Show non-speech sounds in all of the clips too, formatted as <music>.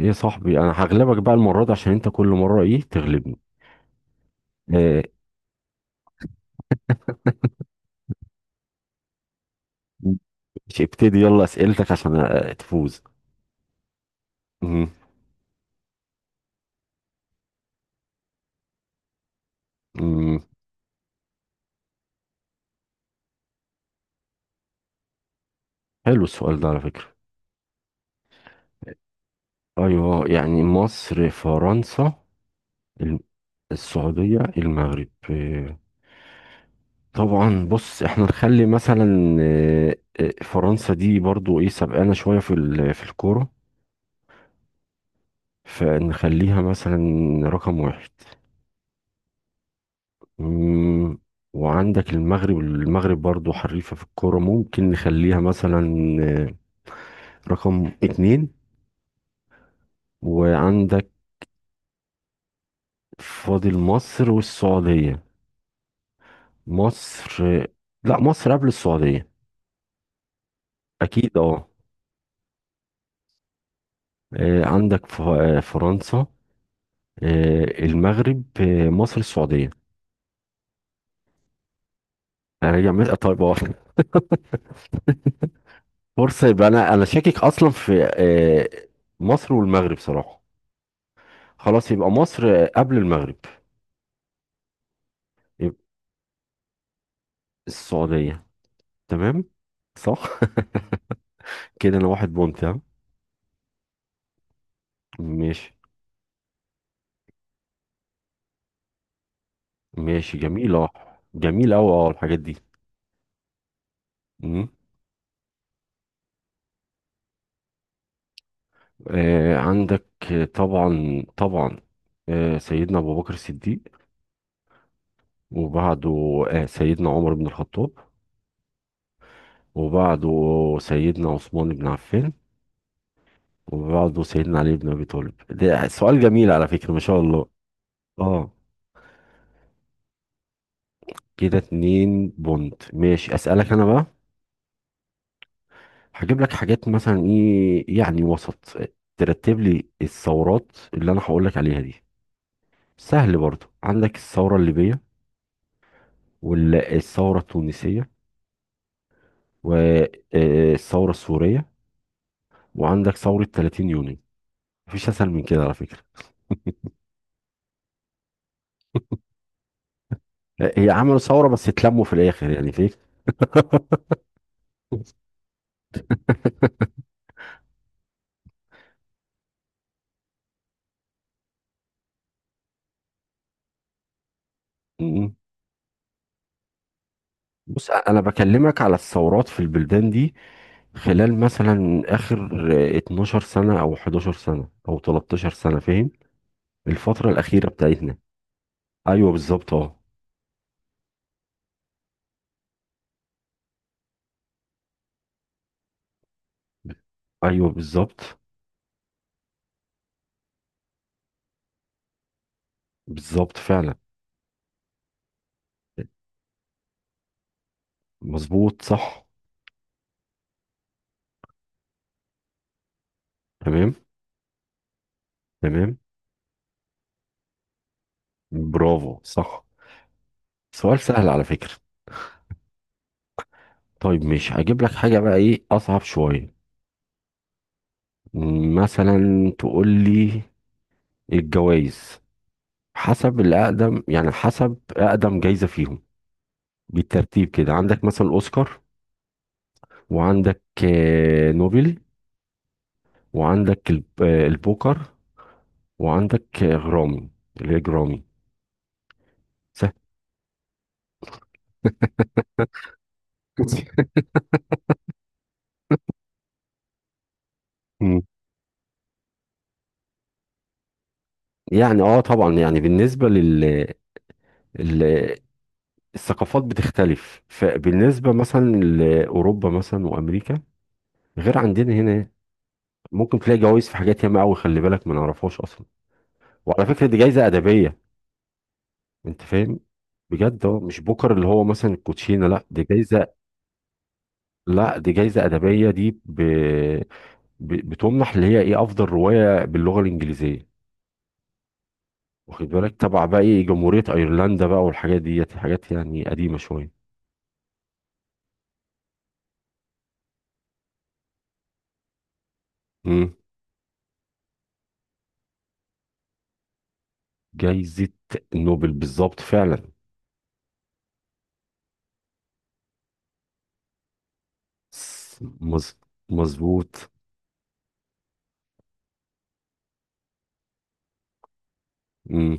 ايه يا صاحبي، انا هغلبك بقى المره دي عشان انت كل مره ايه تغلبني. آه، مش ابتدي يلا اسئلتك عشان تفوز. مم، مم، حلو السؤال ده على فكره. ايوه، يعني مصر فرنسا الم- السعوديه المغرب. طبعا، بص احنا نخلي مثلا فرنسا دي برضو ايه سبقانا شويه في الكوره، فنخليها مثلا رقم واحد. مم، وعندك المغرب. المغرب برضو حريفة في الكورة، ممكن نخليها مثلا آه، رقم اتنين. وعندك، فاضل مصر والسعودية. مصر. آه، لا، مصر قبل السعودية. أكيد، اه. عندك فرنسا، المغرب، مصر، السعودية. أراجع مثلا؟ طيب، اه. <laughs> فرصة. يبقى أنا شاكك أصلا في مصر والمغرب صراحة. خلاص، يبقى مصر قبل المغرب. يبقى السعودية. تمام. صح. <laughs> كده انا واحد بونت، ها؟ ماشي. ماشي. جميل، اه. جميل اوي، اه، الحاجات دي. مم. عندك. طبعا، طبعا. سيدنا ابو بكر الصديق. وبعده سيدنا عمر بن الخطاب. وبعده سيدنا عثمان بن عفان. وبعده سيدنا علي بن ابي طالب، ده سؤال جميل على فكرة، ما شاء الله. اه. كده اتنين بونت. ماشي، اسألك انا بقى. هجيب لك حاجات مثلا ايه؟ يعني وسط. ترتب لي الثورات اللي انا هقول لك عليها دي. سهل برضو. عندك الثورة الليبية، والثورة التونسية، والثورة السورية، وعندك ثورة 30 يونيو. مفيش اسهل من كده على فكرة. هي عملوا ثورة بس اتلموا في الاخر، يعني فيك. <laughs> م-م. بص، انا بكلمك على الثورات في البلدان دي خلال مثلا اخر 12 سنة او 11 سنة او 13 سنة، فاهم؟ الفترة الأخيرة بتاعتنا. ايوه، بالظبط، اه. ايوه، بالظبط. بالظبط فعلا. مظبوط، صح. تمام، تمام. برافو، صح. سؤال سهل على فكرة. طيب، مش هجيب لك حاجة بقى ايه اصعب شوية. مثلا تقول لي الجوائز حسب الأقدم، يعني حسب أقدم جايزة فيهم بالترتيب. كده عندك مثلا أوسكار، وعندك نوبل، وعندك البوكر، وعندك غرامي اللي هي جرامي. سهل. <laughs> <laughs> يعني، اه، طبعا. يعني بالنسبة لل ال- الثقافات بتختلف، فبالنسبة مثلا لأوروبا مثلا وأمريكا غير عندنا هنا. ممكن تلاقي جوائز في حاجات ياما قوي، خلي بالك ما نعرفهاش أصلا. وعلى فكرة دي جايزة أدبية، أنت فاهم؟ بجد، اه، مش بوكر اللي هو مثلا الكوتشينة، لا، دي جايزة. لا دي جايزة أدبية، دي بتمنح اللي هي إيه أفضل رواية باللغة الإنجليزية. واخد بالك؟ تبع بقى إيه، جمهورية أيرلندا بقى، والحاجات ديت حاجات يعني قديمة شوية. جايزة نوبل بالظبط فعلا. س- مظ- مظبوط. مم،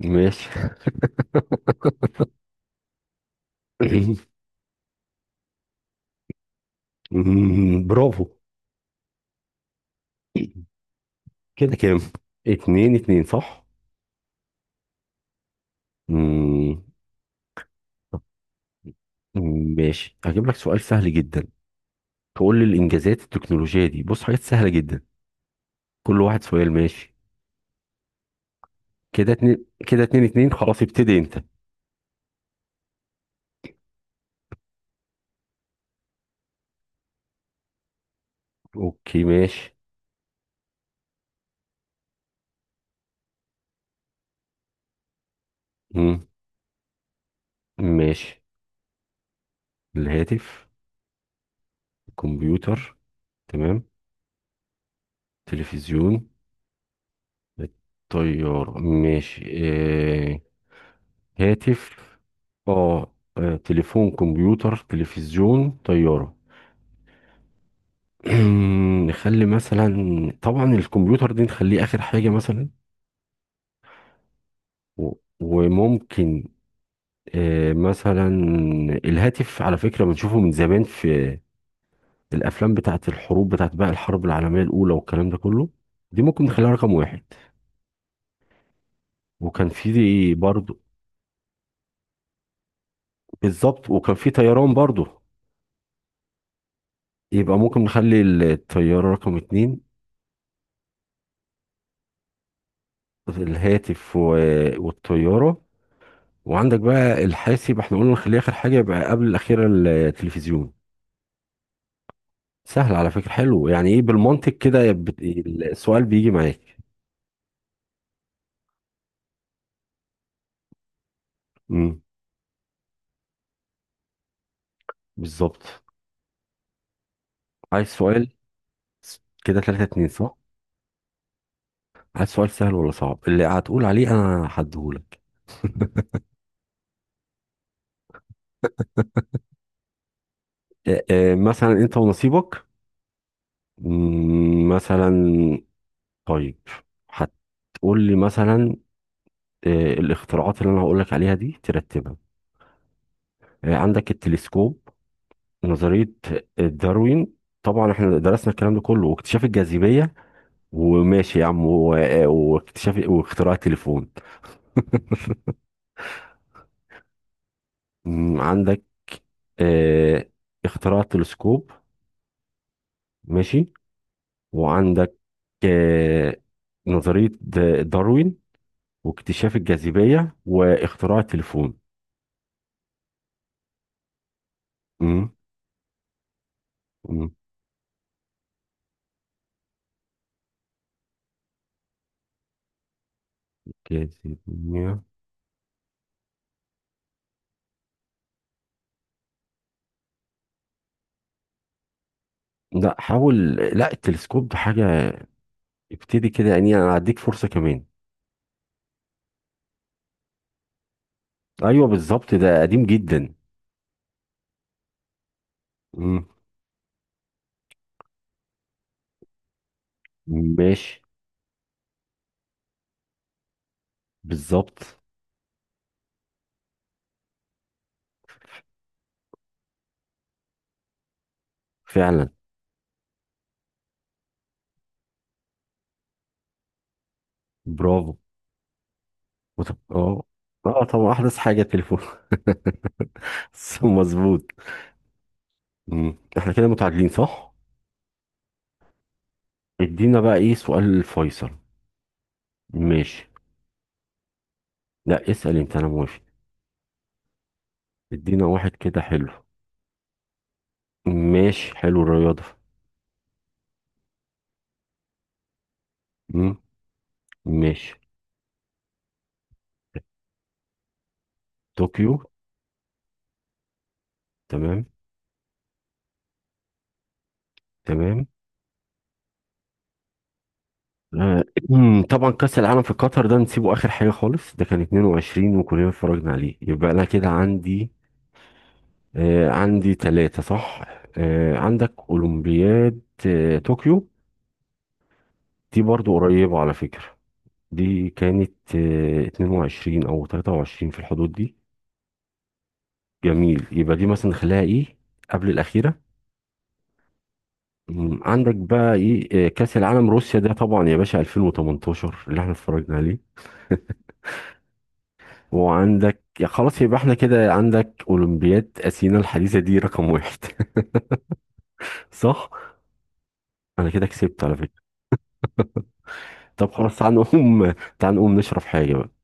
ماشي. <laughs> برافو. كده كام؟ اتنين اتنين، صح. مم، طب، ماشي، هجيب لك سؤال سهل جدا. تقول لي الانجازات التكنولوجية دي، بص حاجات سهلة جدا. كل واحد سؤال، ماشي. كده اتنين. كده 2-2. خلاص، ابتدي انت. اوكي، ماشي. مم، ماشي. الهاتف. الكمبيوتر، تمام. تلفزيون. الطيار، ماشي. هاتف، اه. تليفون، كمبيوتر، تلفزيون، طيارة. <clears throat> نخلي مثلا، طبعا الكمبيوتر دي نخليه آخر حاجة مثلا. و- وممكن مثلا، الهاتف على فكرة بنشوفه من زمان في الأفلام بتاعت الحروب، بتاعت بقى الحرب العالمية الأولى والكلام ده كله. دي ممكن نخليها رقم واحد. وكان في برضه. بالظبط، وكان في طيران برضه. يبقى ممكن نخلي الطيارة رقم اتنين. الهاتف والطيارة. وعندك بقى الحاسب، احنا قلنا نخليه آخر حاجة، يبقى قبل الأخيرة التلفزيون. سهل على فكرة، حلو، يعني ايه بالمنطق كده، يا السؤال بيجي معاك. امم بالظبط. عايز سؤال. كده 3-2، صح؟ عايز سؤال سهل ولا صعب؟ اللي هتقول عليه أنا هديهولك. اه، اه، مثلا أنت ونصيبك. مثلا، طيب هتقول لي مثلا الاختراعات اللي انا هقول لك عليها دي ترتبها. عندك التلسكوب، نظرية داروين، طبعا احنا درسنا الكلام ده كله، واكتشاف الجاذبية، وماشي يا عم، واكتشاف واختراع التليفون. عندك آه، اختراع التلسكوب، ماشي. وعندك آه، نظرية داروين، واكتشاف الجاذبية، واختراع التليفون. مم، مم، جاذبية. لا، حاول، لا، التلسكوب ده حاجة ابتدي كده، يعني انا هديك فرصة كمان. ايوه، بالظبط، ده قديم جدا. مم. ماشي. بالظبط فعلا. برافو. اه. اه، طبعا احدث حاجة التليفون. <laughs> صح، مظبوط. مم. احنا كده متعادلين، صح. ادينا بقى ايه سؤال الفيصل. ماشي. لا اسأل انت، انا موافق. ادينا واحد كده، حلو. ماشي، حلو الرياضة. مم. ماشي. طوكيو. تمام، تمام. آه، <clears throat> طبعا كأس العالم في قطر ده نسيبه آخر حاجة خالص، ده كان 22 وكلنا اتفرجنا عليه، يبقى أنا كده عندي عندي ثلاثة، صح. عندك أولمبياد طوكيو، دي برضو قريبة على فكرة. دي كانت 22 أو 23 في الحدود دي. جميل، يبقى دي مثلا نخليها إيه؟ قبل الأخيرة. عندك بقى إيه كأس العالم روسيا، ده طبعا يا باشا 2018 اللي احنا اتفرجنا عليه. وعندك، يا خلاص، يبقى احنا كده عندك اولمبياد اثينا الحديثه دي رقم واحد. <laughs> صح. انا كده كسبت على فكره. طب خلاص، تعال نقوم. تعال نقوم نشرب حاجه بقى.